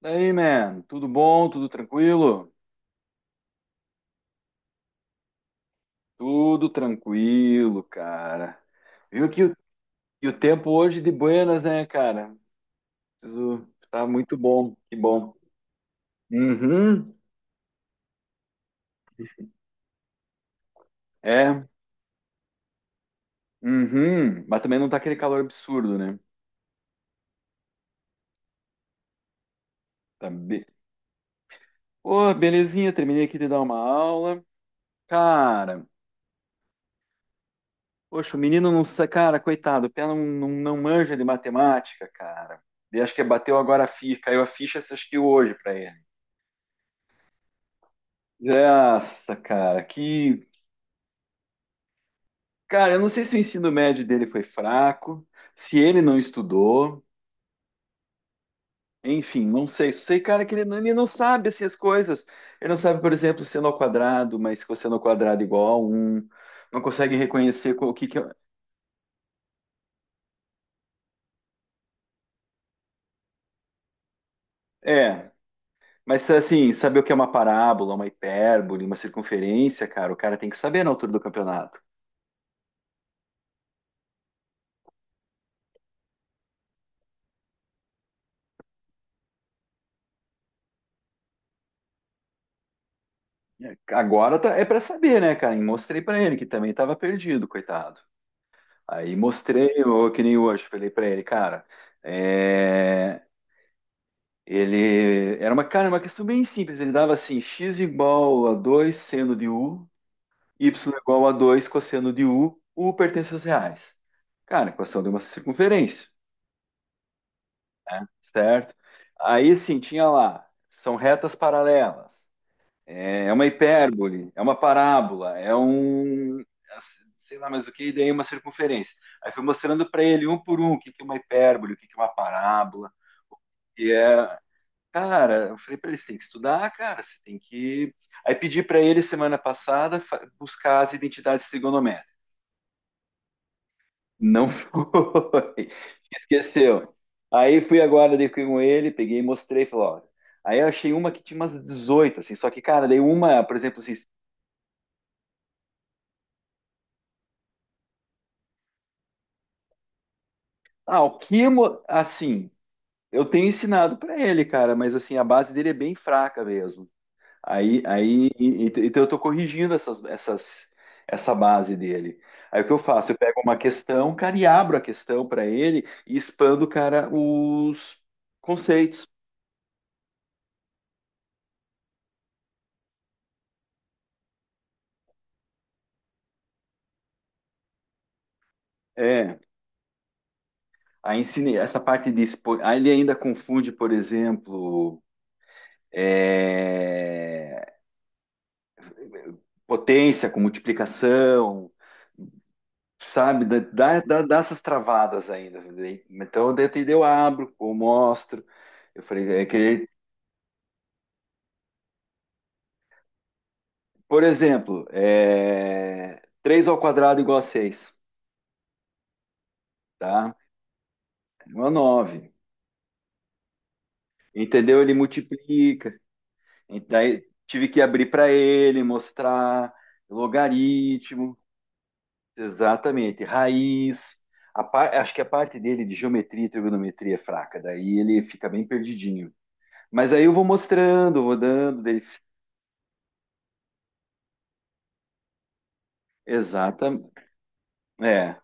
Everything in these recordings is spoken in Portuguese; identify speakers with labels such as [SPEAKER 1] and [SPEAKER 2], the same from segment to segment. [SPEAKER 1] Daí, man, tudo bom? Tudo tranquilo? Tudo tranquilo, cara. Viu que o, e o tempo hoje de buenas, né, cara? Preciso, tá muito bom, que bom. Uhum, é, uhum. Mas também não tá aquele calor absurdo, né? Tá be... Ô, belezinha, terminei aqui de dar uma aula. Cara, poxa, o menino não sa- cara, coitado, o pé não manja de matemática, cara. E acho que bateu agora a ficha, caiu a ficha, acho que hoje pra ele. Nossa, cara, que. Cara, eu não sei se o ensino médio dele foi fraco, se ele não estudou, enfim, não sei. Só sei, cara, que ele não sabe assim, as coisas. Ele não sabe, por exemplo, seno ao quadrado, mas que o seno ao quadrado é igual a um. Não consegue reconhecer qual- o que que é. É, mas assim, saber o que é uma parábola, uma hipérbole, uma circunferência, cara, o cara tem que saber na altura do campeonato. É, agora tá- é pra saber, né, cara? E mostrei pra ele que também tava perdido, coitado. Aí mostrei, eu, que nem hoje, falei pra ele, cara, é, ele era uma, cara, uma questão bem simples, ele dava assim, x igual a 2 seno de u, y igual a 2 cosseno de u, u pertence aos reais. Cara, equação de uma circunferência, certo? Aí assim, tinha lá, são retas paralelas, é é uma hipérbole, é uma parábola, é um. Sei lá mais o que, e daí uma circunferência. Aí fui mostrando para ele, um por um, o que que é uma hipérbole, o que que é uma parábola. E é. Cara, eu falei para eles: tem que estudar, cara, você tem que. Aí pedi para ele semana passada fa- buscar as identidades trigonométricas. Não foi, esqueceu. Aí fui agora dei com ele, peguei e mostrei, falei: ó, aí eu achei uma que tinha umas 18, assim, só que, cara, daí uma, por exemplo, assim, ah, o Kimo, assim, eu tenho ensinado pra ele, cara, mas assim, a base dele é bem fraca mesmo. Então eu tô corrigindo essas essa base dele. Aí o que eu faço? Eu pego uma questão, cara, e abro a questão pra ele e expando, cara, os conceitos. É, aí ensinei essa parte de expo... aí ele ainda confunde, por exemplo, é, potência com multiplicação, sabe, dá essas travadas ainda, né? Então, daí eu abro, eu mostro. Eu falei, é que, por exemplo, 3 ao quadrado igual a 6, tá? Não é 9. Entendeu? Ele multiplica. E daí tive que abrir para ele, mostrar logaritmo, exatamente, raiz. A par- acho que a parte dele de geometria e trigonometria é fraca, daí ele fica bem perdidinho. Mas aí eu vou mostrando, vou dando, daí exata, é.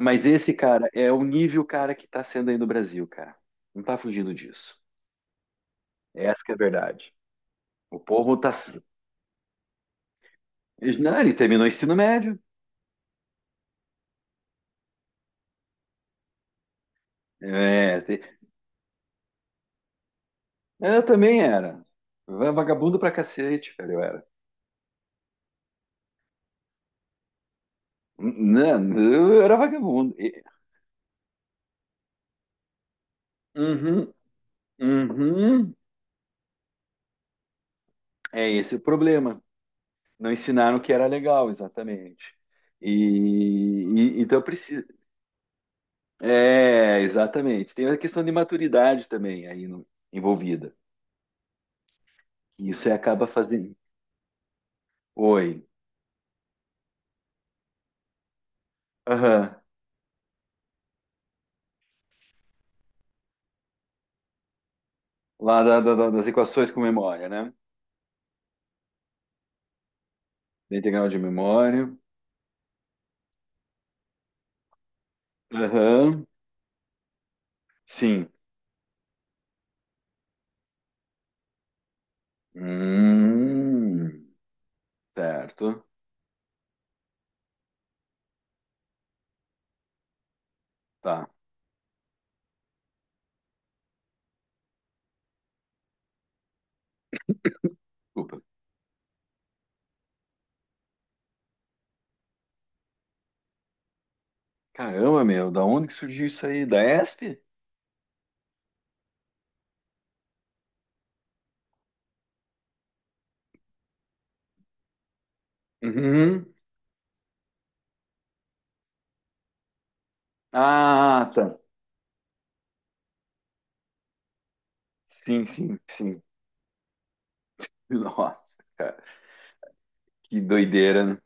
[SPEAKER 1] Mas esse cara é o nível cara que tá sendo aí no Brasil, cara. Não tá fugindo disso. Essa que é a verdade. O povo tá. Não, ele terminou o ensino médio. É, te- eu também era. Eu era vagabundo pra cacete, cara, eu era. Não, eu era vagabundo. E- uhum, uhum. É esse o problema. Não ensinaram que era legal, exatamente. E, e- então precisa. É, exatamente. Tem a questão de maturidade também aí no- envolvida. E isso aí acaba fazendo. Oi. Aham. Lá das equações com memória, né? Da integral de memória. Aham. Sim. Hum, certo. Tá. Desculpa. Caramba, meu, da onde que surgiu isso aí? Da ESP? Uhum. Ah, tá. Sim, sim, sim. Nossa, cara. Que doideira, né?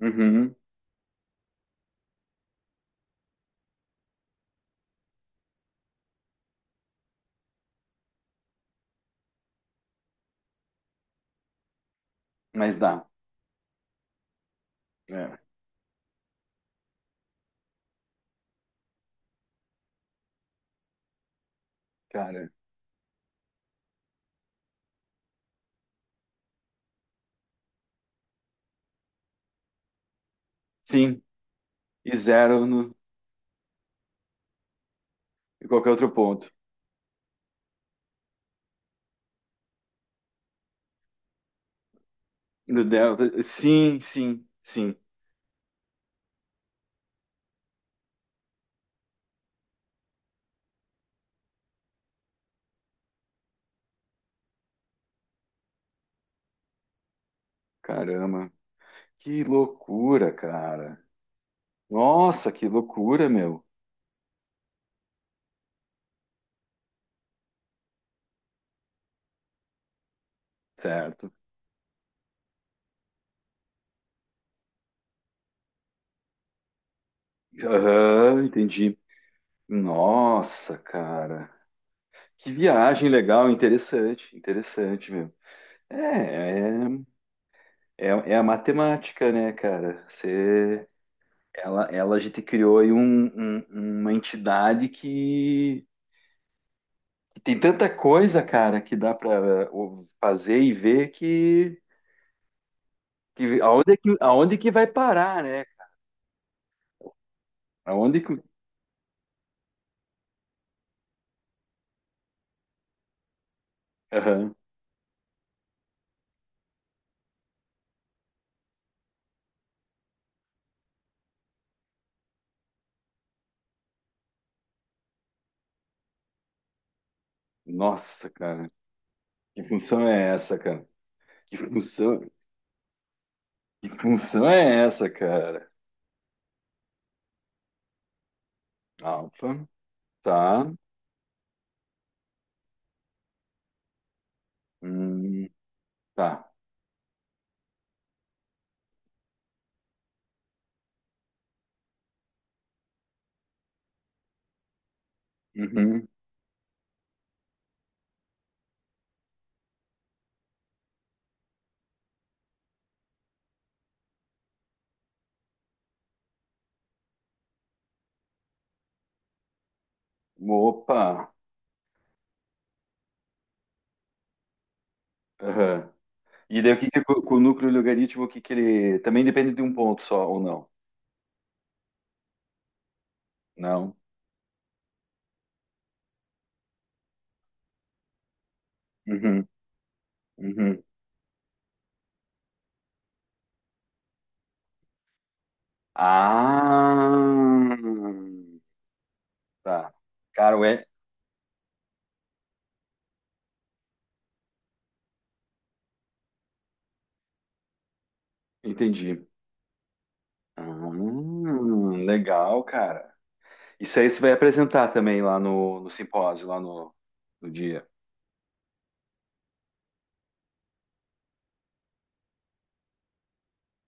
[SPEAKER 1] Uhum. Mas dá. É, cara. Sim. E zero no, em qualquer outro ponto. No delta. Sim, sim, sim. Caramba. Que loucura, cara. Nossa, que loucura, meu. Certo. Aham, entendi. Nossa, cara. Que viagem legal, interessante, interessante, meu. É, é, é a matemática, né, cara? Você, a gente criou aí um- um- uma entidade que tem tanta coisa, cara, que dá para fazer e ver que aonde é que aonde que vai parar, né? Aonde que aham. Nossa, cara, que função é essa, cara? Que função, que função é essa, cara? Alfa, tá, hum, tá. Uhum. Opa. Aham. E daí o que que é co- com o núcleo logaritmo, o que que ele também depende de um ponto só ou não? Não. Uhum. Uhum. Ah. Tá. Cara, ué, entendi. Ah, legal, cara. Isso aí você vai apresentar também lá no, no simpósio, lá no, no dia.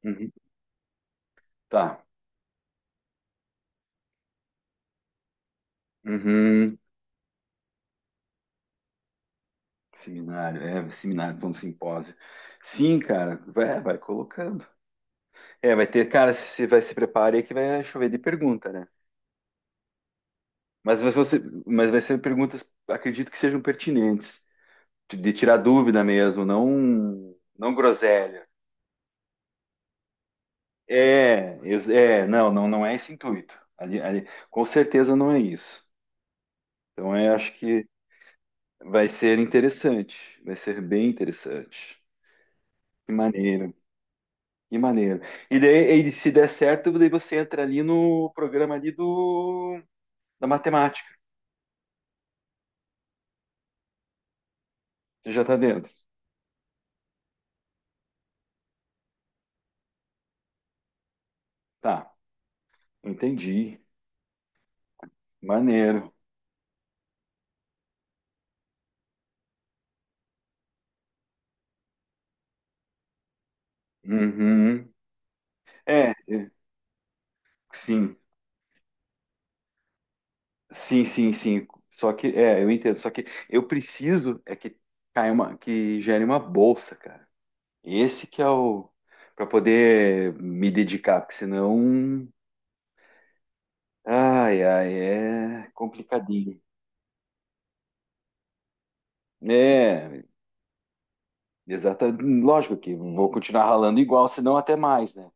[SPEAKER 1] Uhum. Tá. Uhum. Seminário, é, seminário, falando simpósio. Sim, cara, vai, vai colocando. É, vai ter, cara, se vai se prepare aí que vai chover de pergunta, né? Mas vai ser, mas vai ser perguntas, acredito que sejam pertinentes, de tirar dúvida mesmo, não, não groselha. É, ex- é, não, não, não é esse intuito. Ali, ali, com certeza não é isso. Então, eu acho que vai ser interessante, vai ser bem interessante. Que maneiro, que maneiro. E daí, e se der certo, daí você entra ali no programa ali do da matemática. Você já está dentro. Tá, entendi. Maneiro. Uhum. É, é, sim, sim, sim, sim. Só que, é, eu entendo. Só que eu preciso é que caia uma, que gere uma bolsa, cara. Esse que é o para poder me dedicar, porque senão, ai, ai, é complicadinho. É, exatamente. Lógico que vou continuar ralando igual, senão até mais, né?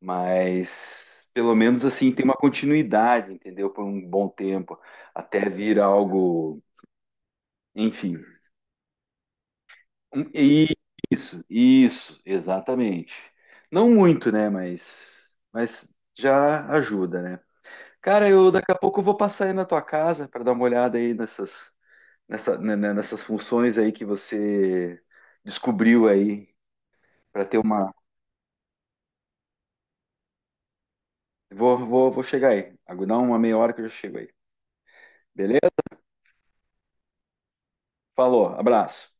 [SPEAKER 1] Mas pelo menos assim tem uma continuidade, entendeu? Por um bom tempo, até vir algo, enfim. Um- e- isso, exatamente. Não muito, né? Mas já ajuda, né? Cara, eu daqui a pouco eu vou passar aí na tua casa para dar uma olhada aí nessas, nessa, né, né, nessas funções aí que você descobriu aí para ter uma. Vou chegar aí. Dá uma meia hora que eu já chego aí. Beleza? Falou, abraço.